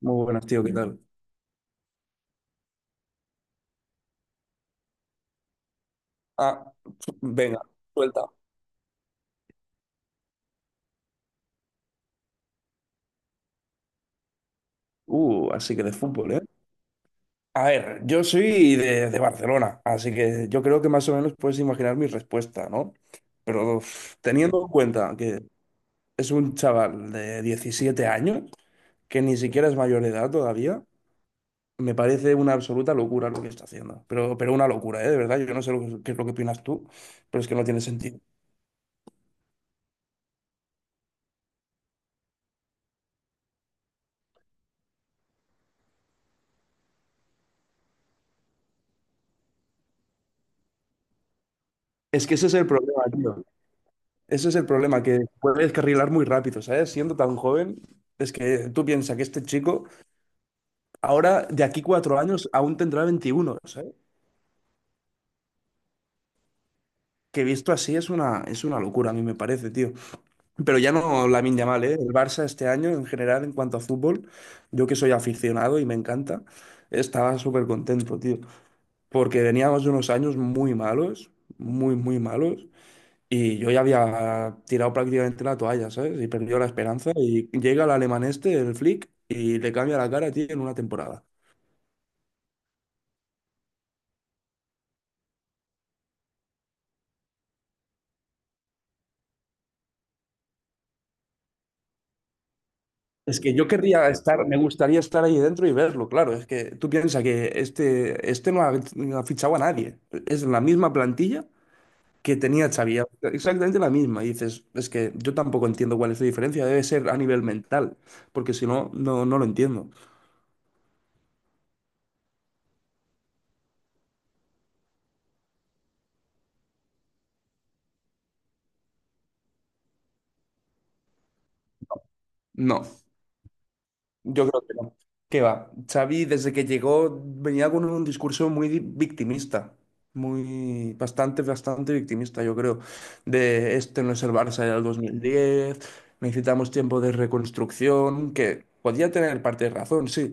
Muy buenas, tío, ¿qué tal? Ah, venga, suelta. Así que de fútbol, ¿eh? A ver, yo soy de Barcelona, así que yo creo que más o menos puedes imaginar mi respuesta, ¿no? Pero uf, teniendo en cuenta que es un chaval de 17 años, que ni siquiera es mayor de edad todavía, me parece una absoluta locura lo que está haciendo. Pero una locura, ¿eh? De verdad, yo no sé qué es lo que opinas tú, pero es que no tiene sentido. Es que ese es el problema, tío. Ese es el problema, que puede descarrilar muy rápido, ¿sabes? Siendo tan joven, es que tú piensas que este chico ahora, de aquí 4 años, aún tendrá 21, ¿sabes? Que visto así es una locura, a mí me parece, tío. Pero ya no Lamine Yamal, ¿eh? El Barça este año, en general, en cuanto a fútbol, yo que soy aficionado y me encanta, estaba súper contento, tío. Porque veníamos de unos años muy malos, muy, muy malos. Y yo ya había tirado prácticamente la toalla, ¿sabes? Y perdió la esperanza. Y llega el alemán este, el Flick, y le cambia la cara a ti en una temporada. Es que yo querría estar, me gustaría estar ahí dentro y verlo, claro. Es que tú piensas que este no ha, no ha fichado a nadie. Es la misma plantilla que tenía Xavi, exactamente la misma. Y dices, es que yo tampoco entiendo cuál es la diferencia. Debe ser a nivel mental, porque si no, no, no lo entiendo. No. Yo creo que no. ¿Qué va? Xavi, desde que llegó, venía con un discurso muy victimista, muy, bastante victimista, yo creo, de este no es el Barça del 2010, necesitamos tiempo de reconstrucción, que podía tener parte de razón, sí,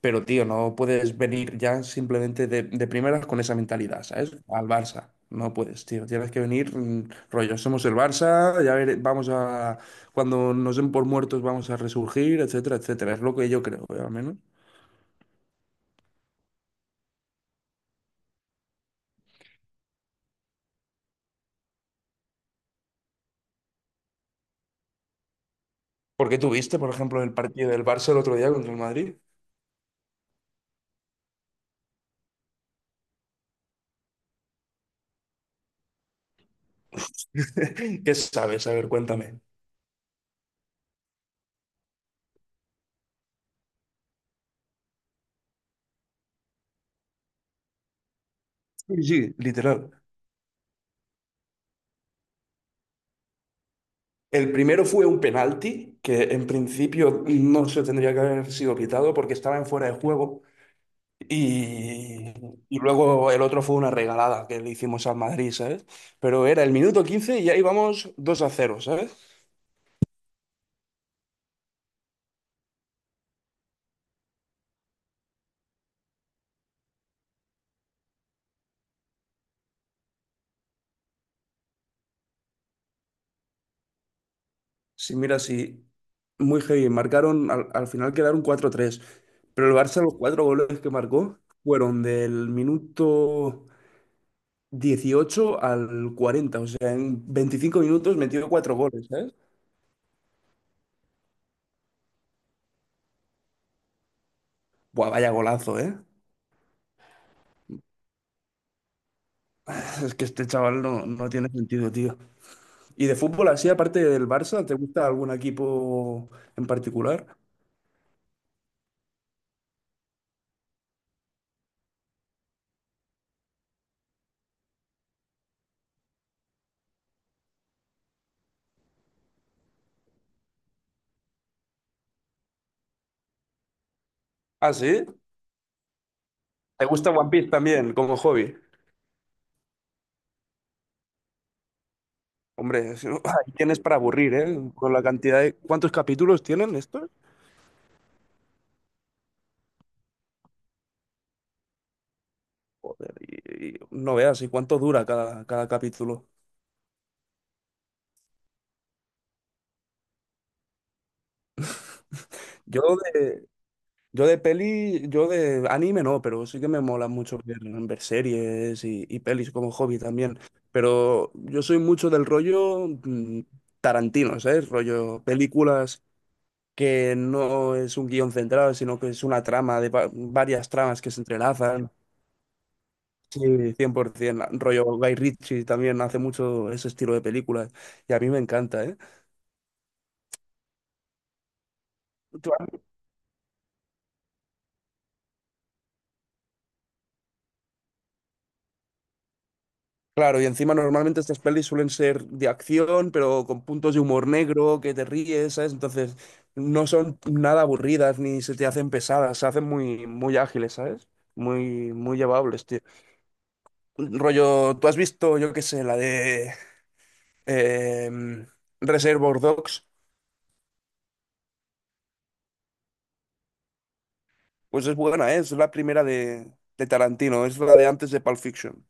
pero tío, no puedes venir ya simplemente de primeras con esa mentalidad, ¿sabes? Al Barça. No puedes, tío. Tienes que venir, rollo, somos el Barça, vamos a, cuando nos den por muertos vamos a resurgir, etcétera, etcétera. Es lo que yo creo, ¿eh? Al menos. Porque tú viste, por ejemplo, el partido del Barça el otro día contra el Madrid. ¿Qué sabes? A ver, cuéntame. Sí, sí, literal. El primero fue un penalti que en principio no se tendría que haber sido pitado porque estaba en fuera de juego. Y, y luego el otro fue una regalada que le hicimos al Madrid, ¿sabes? Pero era el minuto 15 y ahí vamos 2-0, ¿sabes? Sí, mira, sí, muy heavy. Marcaron, al final quedaron 4-3, pero el Barça los cuatro goles que marcó fueron del minuto 18 al 40, o sea, en 25 minutos metió cuatro goles, ¿sabes? Buah, vaya golazo, ¿eh? Es que este chaval no, no tiene sentido, tío. ¿Y de fútbol así, aparte del Barça, te gusta algún equipo en particular? Ah, sí. ¿Te gusta One Piece también como hobby? Hombre, si ahí tienes para aburrir, ¿eh? Con la cantidad de... ¿Cuántos capítulos tienen estos? Y no veas, ¿y cuánto dura cada capítulo? Yo de, yo de anime no, pero sí que me mola mucho ver, ver series y pelis como hobby también. Pero yo soy mucho del rollo Tarantino, ¿sabes? Rollo películas que no es un guión central, sino que es una trama de varias tramas que se entrelazan. Sí, 100%. Rollo Guy Ritchie también hace mucho ese estilo de películas y a mí me encanta, ¿eh? Claro, y encima normalmente estas pelis suelen ser de acción, pero con puntos de humor negro, que te ríes, ¿sabes? Entonces, no son nada aburridas ni se te hacen pesadas, se hacen muy, muy ágiles, ¿sabes? Muy, muy llevables, tío. Rollo, ¿tú has visto, yo qué sé, la de em, Reservoir Dogs? Pues es buena, ¿eh? Es la primera de Tarantino, es la de antes de Pulp Fiction.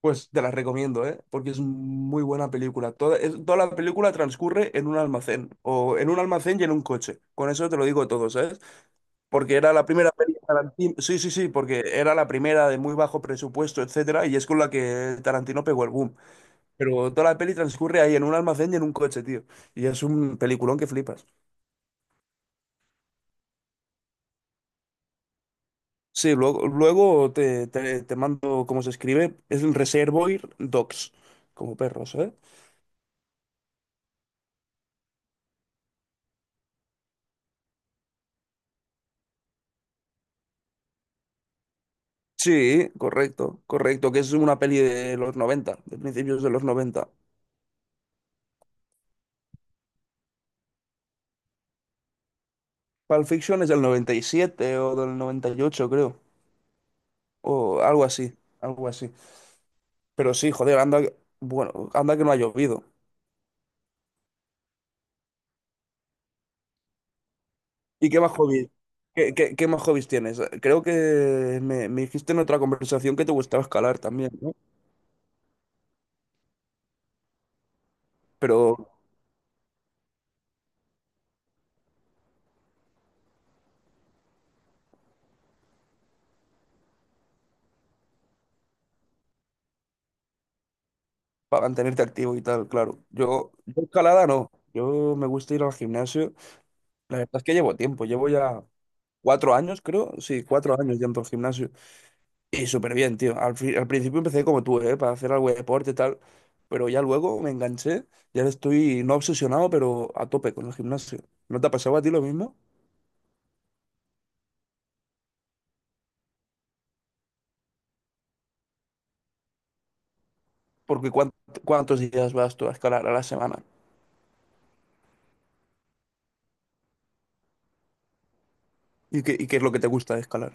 Pues te las recomiendo, ¿eh? Porque es muy buena película. Toda la película transcurre en un almacén, o en un almacén y en un coche. Con eso te lo digo todo, ¿sabes? Porque era la primera peli de Tarantino. Sí, sí, sí, porque era la primera de muy bajo presupuesto, etcétera, y es con la que Tarantino pegó el boom. Pero toda la peli transcurre ahí en un almacén y en un coche, tío. Y es un peliculón que flipas. Sí, luego te mando cómo se escribe. Es un Reservoir Dogs, como perros, ¿eh? Sí, correcto, correcto, que es una peli de los 90, de principios de los 90. Pulp Fiction es del 97 o del 98, creo, o algo así, algo así. Pero sí, joder, anda, bueno, anda que no ha llovido. ¿Y qué más hobbies? ¿Qué más hobbies tienes? Creo que me dijiste en otra conversación que te gustaba escalar también, ¿no? Pero para mantenerte activo y tal, claro. Yo escalada no, yo me gusta ir al gimnasio. La verdad es que llevo tiempo, llevo ya 4 años, creo. Sí, 4 años ya en gimnasio. Y súper bien, tío. Al principio empecé como tú, ¿eh? Para hacer algo de deporte y tal. Pero ya luego me enganché. Y ahora estoy no obsesionado, pero a tope con el gimnasio. ¿No te ha pasado a ti lo mismo? Porque ¿cuántos días vas tú a escalar a la semana? Y qué es lo que te gusta de escalar?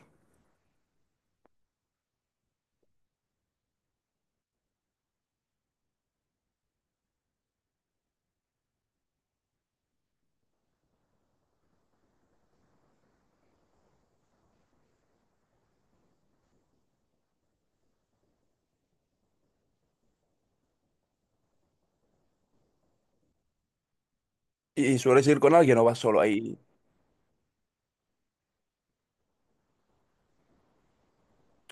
¿Y sueles ir con alguien o vas solo ahí?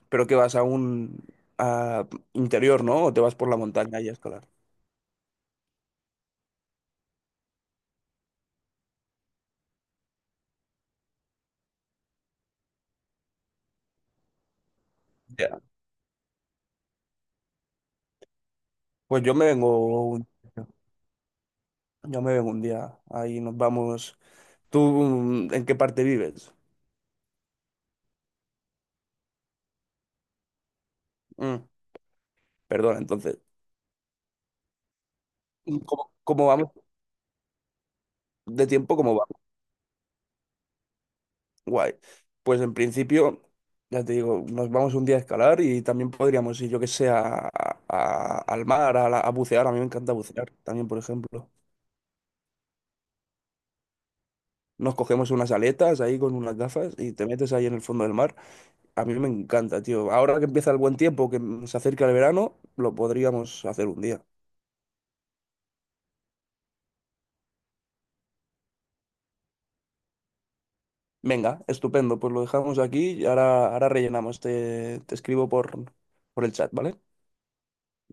Pero que vas a interior, ¿no? ¿O te vas por la montaña y a escalar? Ya. Pues yo me vengo un día. Ahí nos vamos. ¿Tú en qué parte vives? Mm, Perdona, entonces. ¿Cómo vamos de tiempo? ¿Cómo vamos? Guay. Pues en principio, ya te digo, nos vamos un día a escalar y también podríamos ir, yo que sé, al mar, a bucear. A mí me encanta bucear también, por ejemplo. Nos cogemos unas aletas ahí con unas gafas y te metes ahí en el fondo del mar. A mí me encanta, tío. Ahora que empieza el buen tiempo, que se acerca el verano, lo podríamos hacer un día. Venga, estupendo, pues lo dejamos aquí y ahora, ahora rellenamos. Te escribo por el chat, ¿vale?